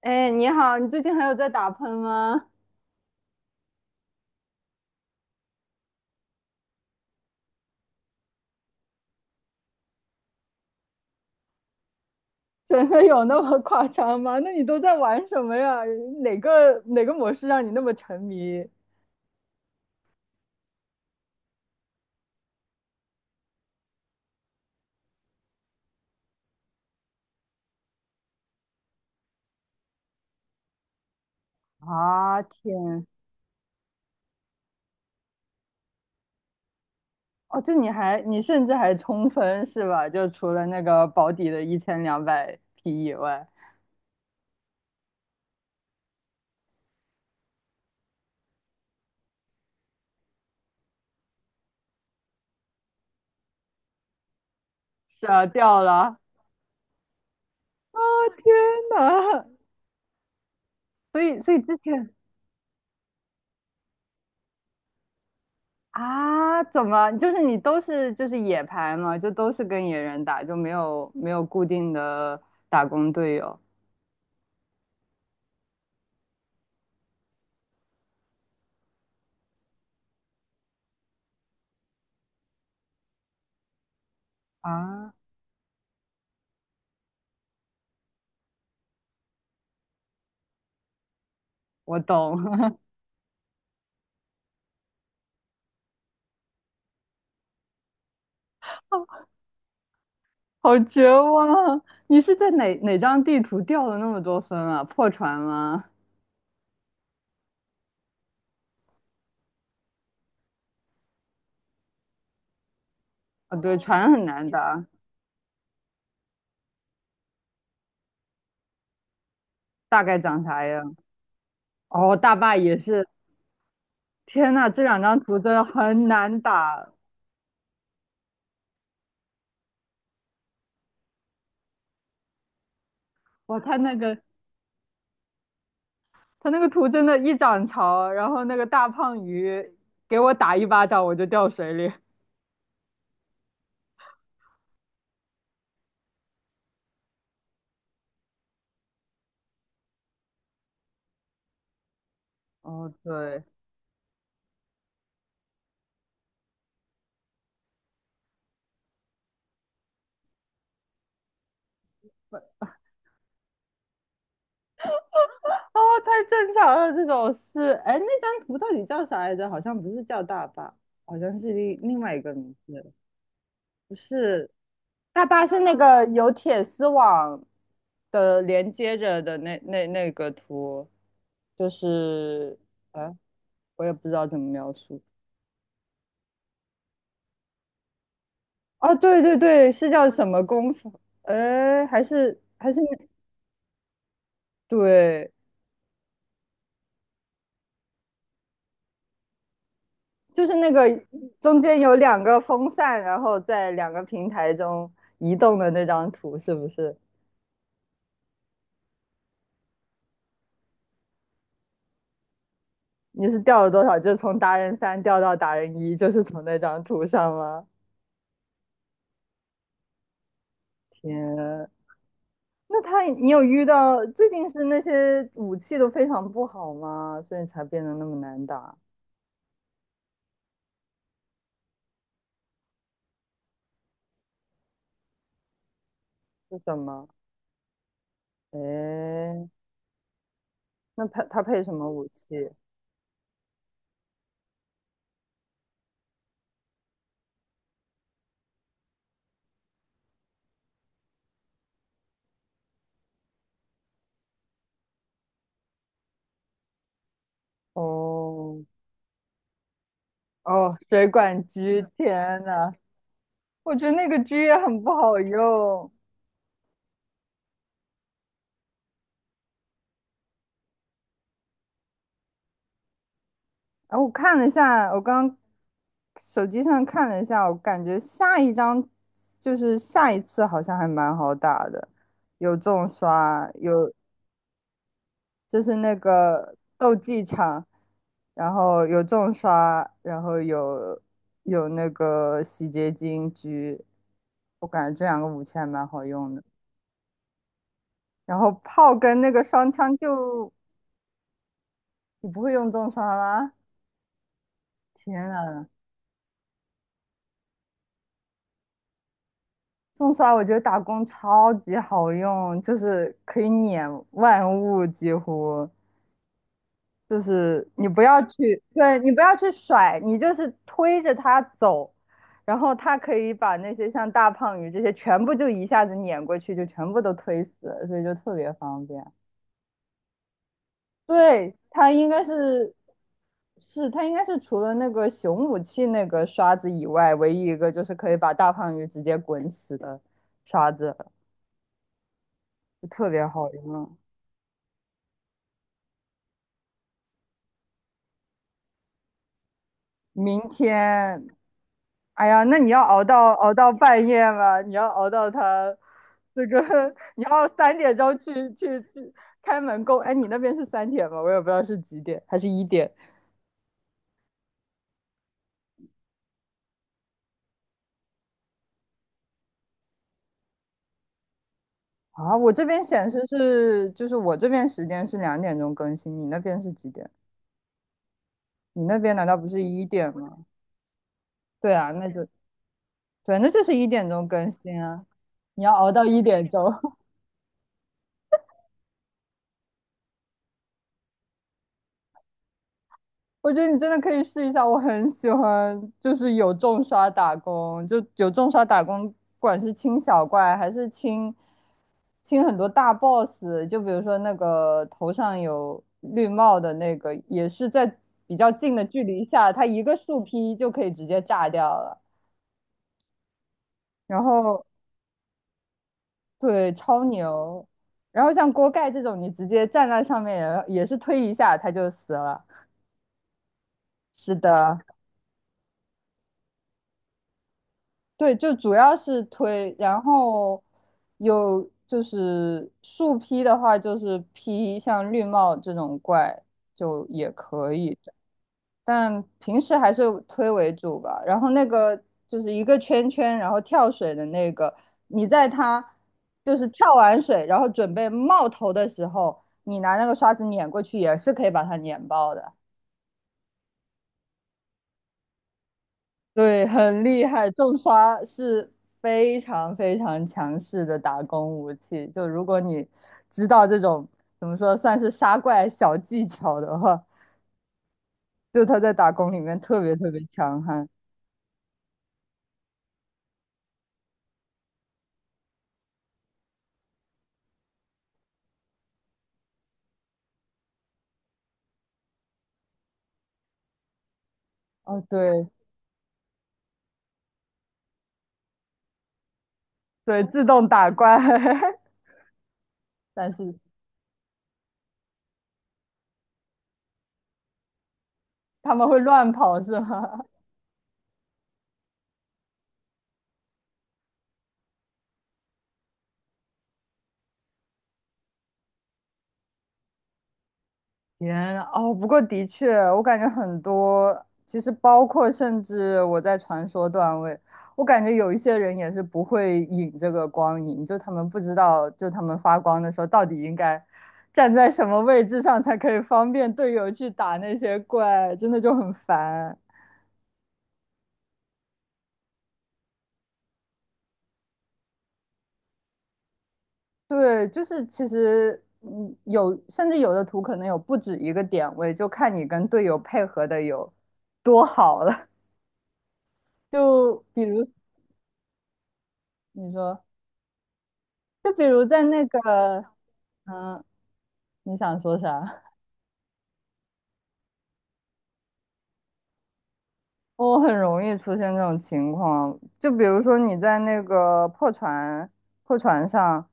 哎，你好，你最近还有在打喷吗？真的有那么夸张吗？那你都在玩什么呀？哪个模式让你那么沉迷？啊，天！哦，就你甚至还冲分是吧？就除了那个保底的1200匹以外，是啊，掉了。啊，天呐！所以之前啊，怎么就是你都是就是野排嘛，就都是跟野人打，就没有固定的打工队友啊？我懂，好绝望啊！你是在哪张地图掉了那么多分啊？破船吗？啊，对，船很难打，大概长啥样？哦，大坝也是。天呐，这两张图真的很难打。哇，他那个图真的，一涨潮，然后那个大胖鱼给我打一巴掌，我就掉水里。哦，对，哦，太正常了，这种事。哎，那张图到底叫啥来着？好像不是叫大坝，好像是另外一个名字。不是，大巴是那个有铁丝网的连接着的那个图，就是啊，我也不知道怎么描述。哦，对对对，是叫什么功夫？哎，还是那对，就是那个中间有两个风扇，然后在两个平台中移动的那张图，是不是？你是掉了多少？就从达人3掉到达人1，就是从那张图上吗？天，那他，你有遇到最近是那些武器都非常不好吗？所以才变得那么难打？是什么？诶，那他配什么武器？哦哦，水管狙，天呐，我觉得那个狙也很不好用。然后我看了一下，我刚手机上看了一下，我感觉下一张就是下一次好像还蛮好打的，有重刷，有就是那个斗技场，然后有重刷，然后有那个洗洁精狙，我感觉这两个武器还蛮好用的。然后炮跟那个双枪就你不会用重刷吗？天呐，重刷我觉得打工超级好用，就是可以碾万物几乎。就是你不要去，对，你不要去甩，你就是推着它走，然后它可以把那些像大胖鱼这些全部就一下子碾过去，就全部都推死了，所以就特别方便。对，它应该是，是它应该是除了那个熊武器那个刷子以外，唯一一个就是可以把大胖鱼直接滚死的刷子，就特别好用。明天哎呀，那你要熬到半夜吗？你要熬到他这个，你要3点钟去开门工。哎，你那边是三点吗？我也不知道是几点，还是一点啊？我这边显示是，就是我这边时间是2点钟更新，你那边是几点？你那边难道不是一点吗？对啊，那就对，那就是一点钟更新啊。你要熬到一点钟。我觉得你真的可以试一下，我很喜欢，就是有重刷打工，就有重刷打工，不管是清小怪还是清很多大 boss，就比如说那个头上有绿帽的那个，也是在比较近的距离下，他一个树劈就可以直接炸掉了。然后对，超牛。然后像锅盖这种，你直接站在上面也是推一下他就死了。是的。对，就主要是推，然后有就是树劈的话，就是劈像绿帽这种怪就也可以，但平时还是推为主吧。然后那个就是一个圈圈，然后跳水的那个，你在它就是跳完水，然后准备冒头的时候，你拿那个刷子碾过去，也是可以把它碾爆的。对，很厉害，重刷是非常非常强势的打工武器。就如果你知道这种怎么说，算是杀怪小技巧的话，就他在打工里面特别特别强悍。哦，对对，自动打怪，但是他们会乱跑是吗？天啊哦，不过的确，我感觉很多，其实包括甚至我在传说段位，我感觉有一些人也是不会引这个光影，就他们不知道，就他们发光的时候到底应该站在什么位置上才可以方便队友去打那些怪，真的就很烦。对，就是其实有甚至有的图可能有不止一个点位，就看你跟队友配合的有多好了。就比如你说。就比如在那个，嗯、你想说啥？我很容易出现这种情况，就比如说你在那个破船上，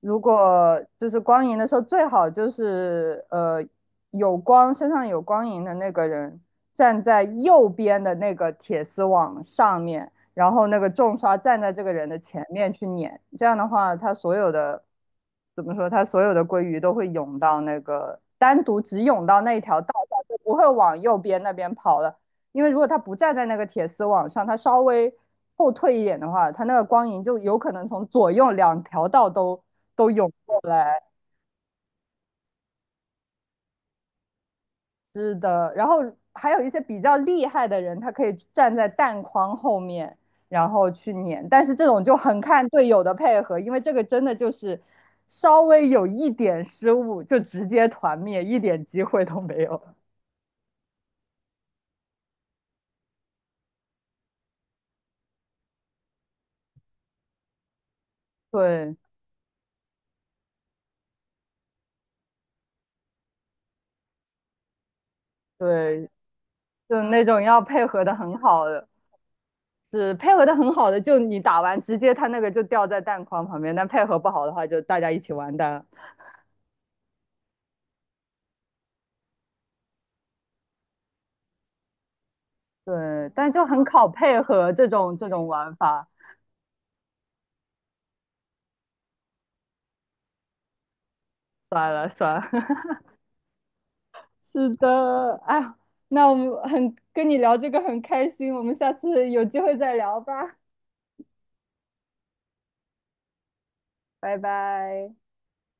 如果就是光影的时候，最好就是有光身上有光影的那个人站在右边的那个铁丝网上面，然后那个重刷站在这个人的前面去撵，这样的话，他所有的怎么说，他所有的鲑鱼都会涌到那个单独只涌到那一条道上，就不会往右边那边跑了。因为如果他不站在那个铁丝网上，他稍微后退一点的话，他那个光影就有可能从左右两条道都涌过来。是的，然后还有一些比较厉害的人，他可以站在弹框后面，然后去撵。但是这种就很看队友的配合，因为这个真的就是稍微有一点失误就直接团灭，一点机会都没有。对对，就那种要配合的很好的。是配合的很好的，就你打完直接他那个就掉在弹框旁边，但配合不好的话就大家一起完蛋。对，但就很考配合这种玩法。算了算了，是的，哎呀，那我们很跟你聊这个很开心，我们下次有机会再聊吧，拜拜。